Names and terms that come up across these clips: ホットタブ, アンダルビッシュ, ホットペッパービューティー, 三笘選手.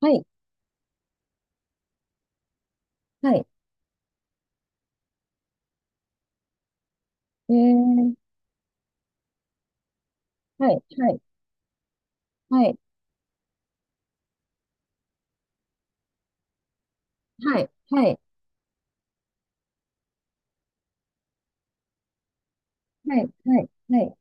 はい、はい、えー、はい、はい、はい、はい、はい、はい、はい、はい。あ、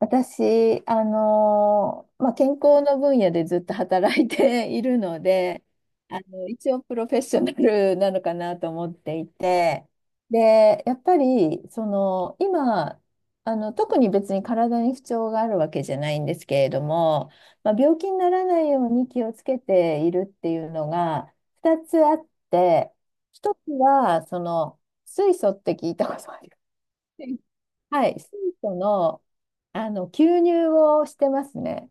私、健康の分野でずっと働いているので、一応プロフェッショナルなのかなと思っていて、で、やっぱり、今、特に別に体に不調があるわけじゃないんですけれども、まあ、病気にならないように気をつけているっていうのが2つあって、一つは、水素って聞いたことありますはい、水素の、吸入をしてますね。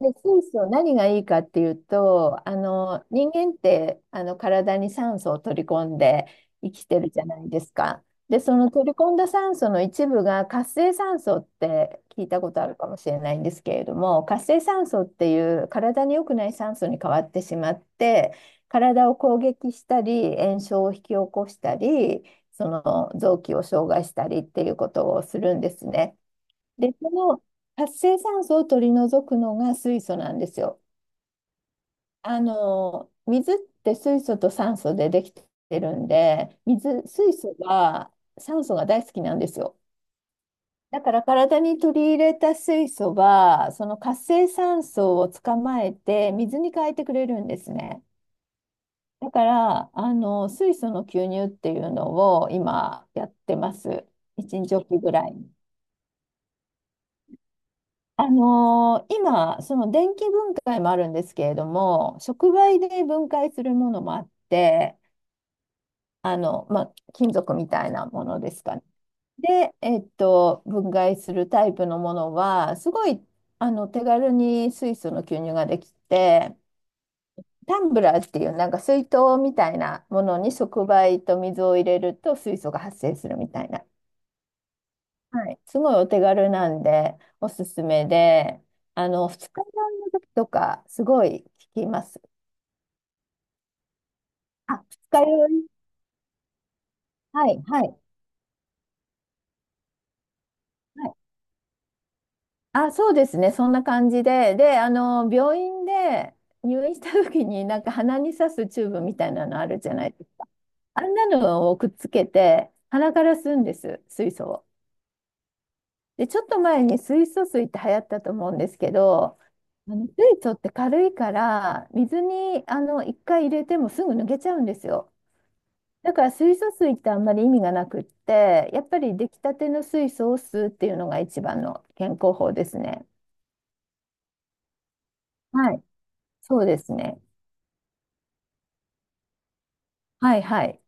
で、そうそう、何がいいかっていうと、人間って、体に酸素を取り込んで生きてるじゃないですか。で、その取り込んだ酸素の一部が活性酸素って聞いたことあるかもしれないんですけれども、活性酸素っていう体に良くない酸素に変わってしまって、体を攻撃したり、炎症を引き起こしたり、その臓器を障害したりっていうことをするんですね。で、その活性酸素を取り除くのが水素なんですよ。水って水素と酸素でできてるんで、水素は酸素が大好きなんですよ。だから体に取り入れた水素は、その活性酸素を捕まえて水に変えてくれるんですね。だから、水素の吸入っていうのを今やってます。1日おきぐらいに。今、その電気分解もあるんですけれども、触媒で分解するものもあって、まあ、金属みたいなものですかね。で、分解するタイプのものは、すごい、手軽に水素の吸入ができて、タンブラーっていうなんか水筒みたいなものに触媒と水を入れると水素が発生するみたいな。はい、すごいお手軽なんで、おすすめで、二日酔いの時とか、すごい効きます。あ、二日酔い。はい、はい、はい。あ、そうですね、そんな感じで、で、病院で入院した時に、なんか鼻に刺すチューブみたいなのあるじゃないですか。あんなのをくっつけて、鼻から吸うんです、水素を。で、ちょっと前に水素水って流行ったと思うんですけど、あの水素って軽いから水にあの一回入れてもすぐ抜けちゃうんですよ。だから水素水ってあんまり意味がなくって、やっぱり出来たての水素を吸うっていうのが一番の健康法ですね。はい。そうですね。はい、はい。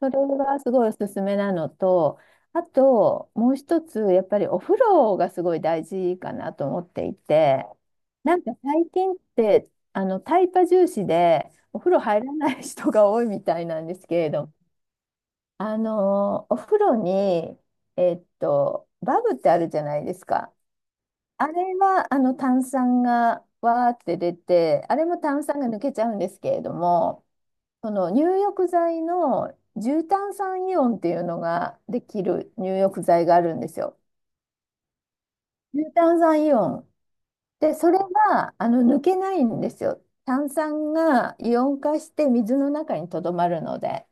それがすごいおすすめなのと、あともう一つやっぱりお風呂がすごい大事かなと思っていて、なんか最近ってあのタイパ重視でお風呂入らない人が多いみたいなんですけれど、お風呂に、バブってあるじゃないですか。あれは、炭酸がわーって出て、あれも炭酸が抜けちゃうんですけれども、その入浴剤の重炭酸イオンっていうのができる入浴剤があるんですよ。重炭酸イオン。で、それが、抜けないんですよ。炭酸がイオン化して水の中にとどまるので。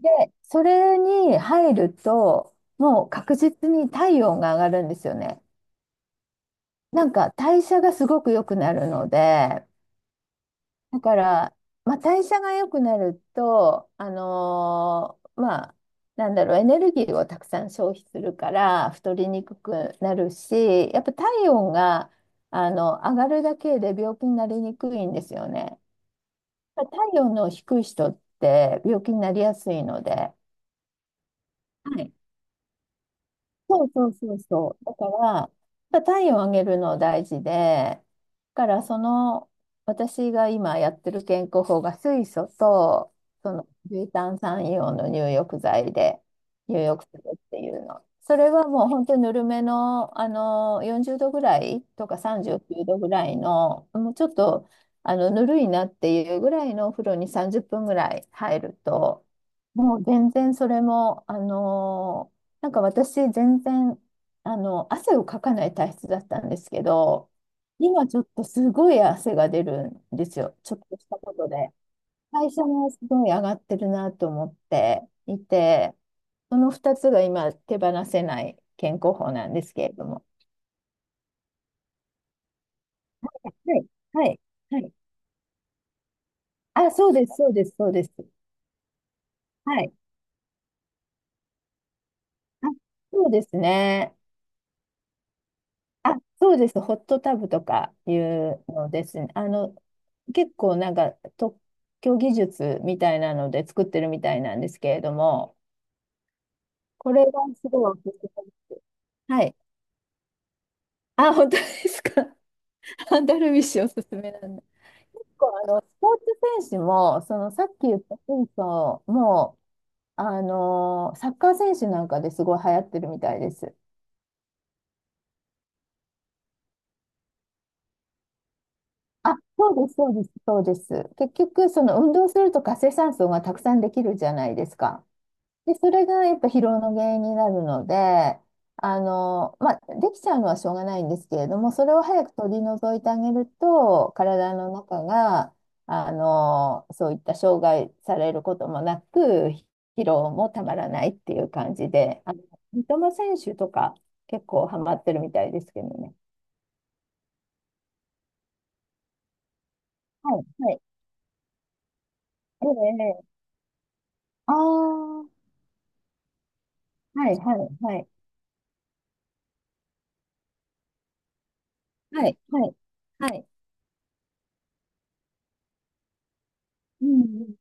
で、それに入ると、もう確実に体温が上がるんですよね。なんか代謝がすごく良くなるので、だから、まあ、代謝が良くなると、なんだろう、エネルギーをたくさん消費するから太りにくくなるし、やっぱ体温があの上がるだけで病気になりにくいんですよね。体温の低い人って病気になりやすいので。はい、そうそうそうそう。だから、やっぱ体温を上げるの大事で、だからその、私が今やってる健康法が水素と、その重炭酸イオンの入浴剤で入浴するっていうの。それはもう本当にぬるめの、あの40度ぐらいとか39度ぐらいの、もうちょっとあのぬるいなっていうぐらいのお風呂に30分ぐらい入ると、もう全然それも、なんか私、全然、汗をかかない体質だったんですけど、今ちょっとすごい汗が出るんですよ。ちょっとしたことで。代謝もすごい上がってるなと思っていて、その2つが今手放せない健康法なんですけれども。はい、はい、はい。あ、そうです、そうです、そうです。はい。あ、そうですね。あ、そうです。ホットタブとかいうのですね。結構なんか特許技術みたいなので作ってるみたいなんですけれども、これがすごいおすすめです。はい。あ、本当ですか。アンダルビッシュおすすめなんだ。結構あの、スポーツ選手も、そのさっき言った選手も、サッカー選手なんかですごい流行ってるみたいです。あ、そうです、そうです、そうです。結局、その運動すると活性酸素がたくさんできるじゃないですか。で、それがやっぱ疲労の原因になるので、まあ、できちゃうのはしょうがないんですけれども、それを早く取り除いてあげると、体の中が、そういった障害されることもなく、疲労もたまらないっていう感じで、三笘選手とか結構ハマってるみたいですけどね。はい、はい。ええ、ええ、ああ。はい、はい、はい、はい、はい、はい、うん、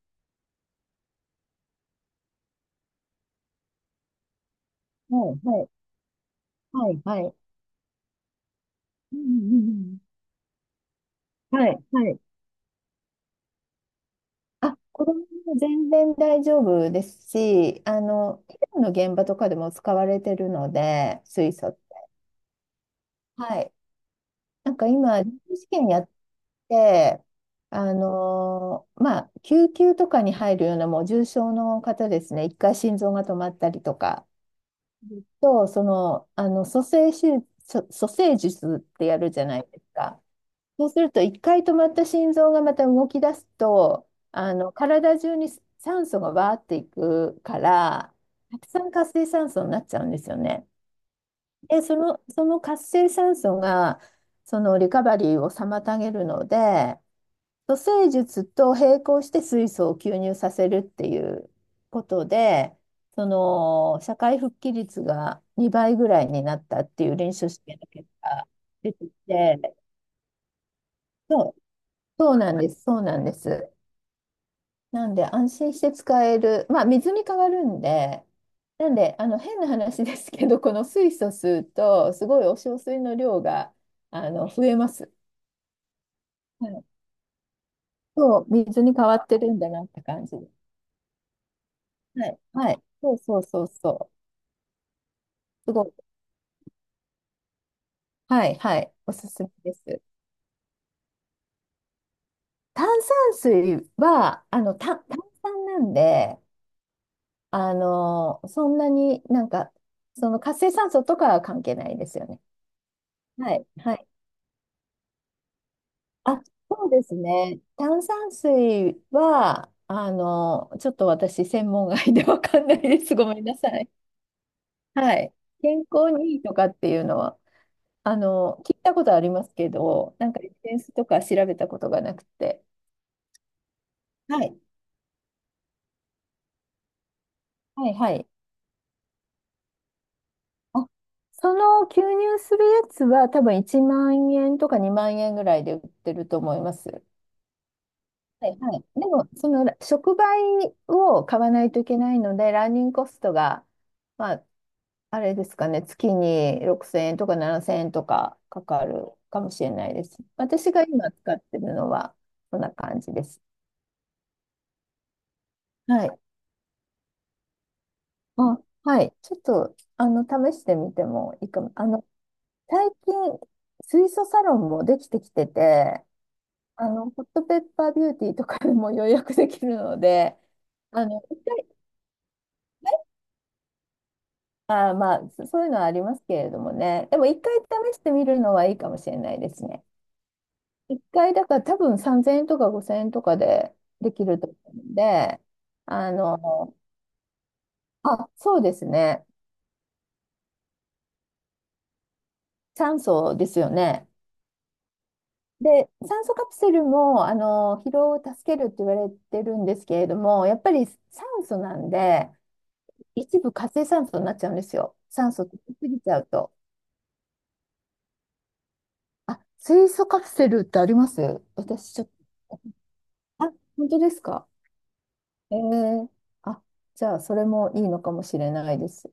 うん、はい、はい、はい、はい、うん、うん、うん、はい、はい。あ、子供も全然大丈夫ですし、医療の現場とかでも使われてるので、水素って。はい。なんか今、臨床試験やって、救急とかに入るようなもう重症の方ですね、一回心臓が止まったりとか、と、蘇生手術、蘇生術ってやるじゃないですか。そうすると、一回止まった心臓がまた動き出すと、体中に酸素がわーっていくから、たくさん活性酸素になっちゃうんですよね。で、その活性酸素が、そのリカバリーを妨げるので、蘇生術と並行して水素を吸入させるっていうことで、その社会復帰率が2倍ぐらいになったっていう臨床試験の結果が出てきて、そう、そうなんです、そうなんです。なんで安心して使える、まあ水に変わるんで、なんであの変な話ですけど、この水素吸うと、すごいお小水の量があの増えます。はい、そう、水に変わってるんだなって感じ。はい、はい、そうそうそうそう、すごい、はい、はい、おすすめです。炭酸水は、炭酸なんで、そんなになんか、その活性酸素とかは関係ないですよね。はい、はい。あ、そうですね。炭酸水は、ちょっと私、専門外でわかんないです。ごめんなさい。はい。健康にいいとかっていうのは、聞いたことありますけど、なんかエッセンスとか調べたことがなくて。はい。はい、はい。あ、その吸入するやつは多分1万円とか2万円ぐらいで売ってると思います。はい、はい。でも、その触媒を買わないといけないので、ランニングコストが、まあ、あれですかね、月に6000円とか7000円とかかかるかもしれないです。私が今使ってるのは、こんな感じです。はい。あ、はい。ちょっと、試してみてもいいかも。最近、水素サロンもできてきてて、ホットペッパービューティーとかでも予約できるので、一回、あー、まあ、そういうのはありますけれどもね。でも、一回試してみるのはいいかもしれないですね。一回、だから多分3000円とか5000円とかでできると思うんで、あの、あ、そうですね。酸素ですよね。で、酸素カプセルも、疲労を助けるって言われてるんですけれども、やっぱり酸素なんで、一部活性酸素になっちゃうんですよ。酸素取りすぎちゃうと。あ、水素カプセルってあります、私ちょっと。あ、本当ですか？えー、あ、じゃあ、それもいいのかもしれないです。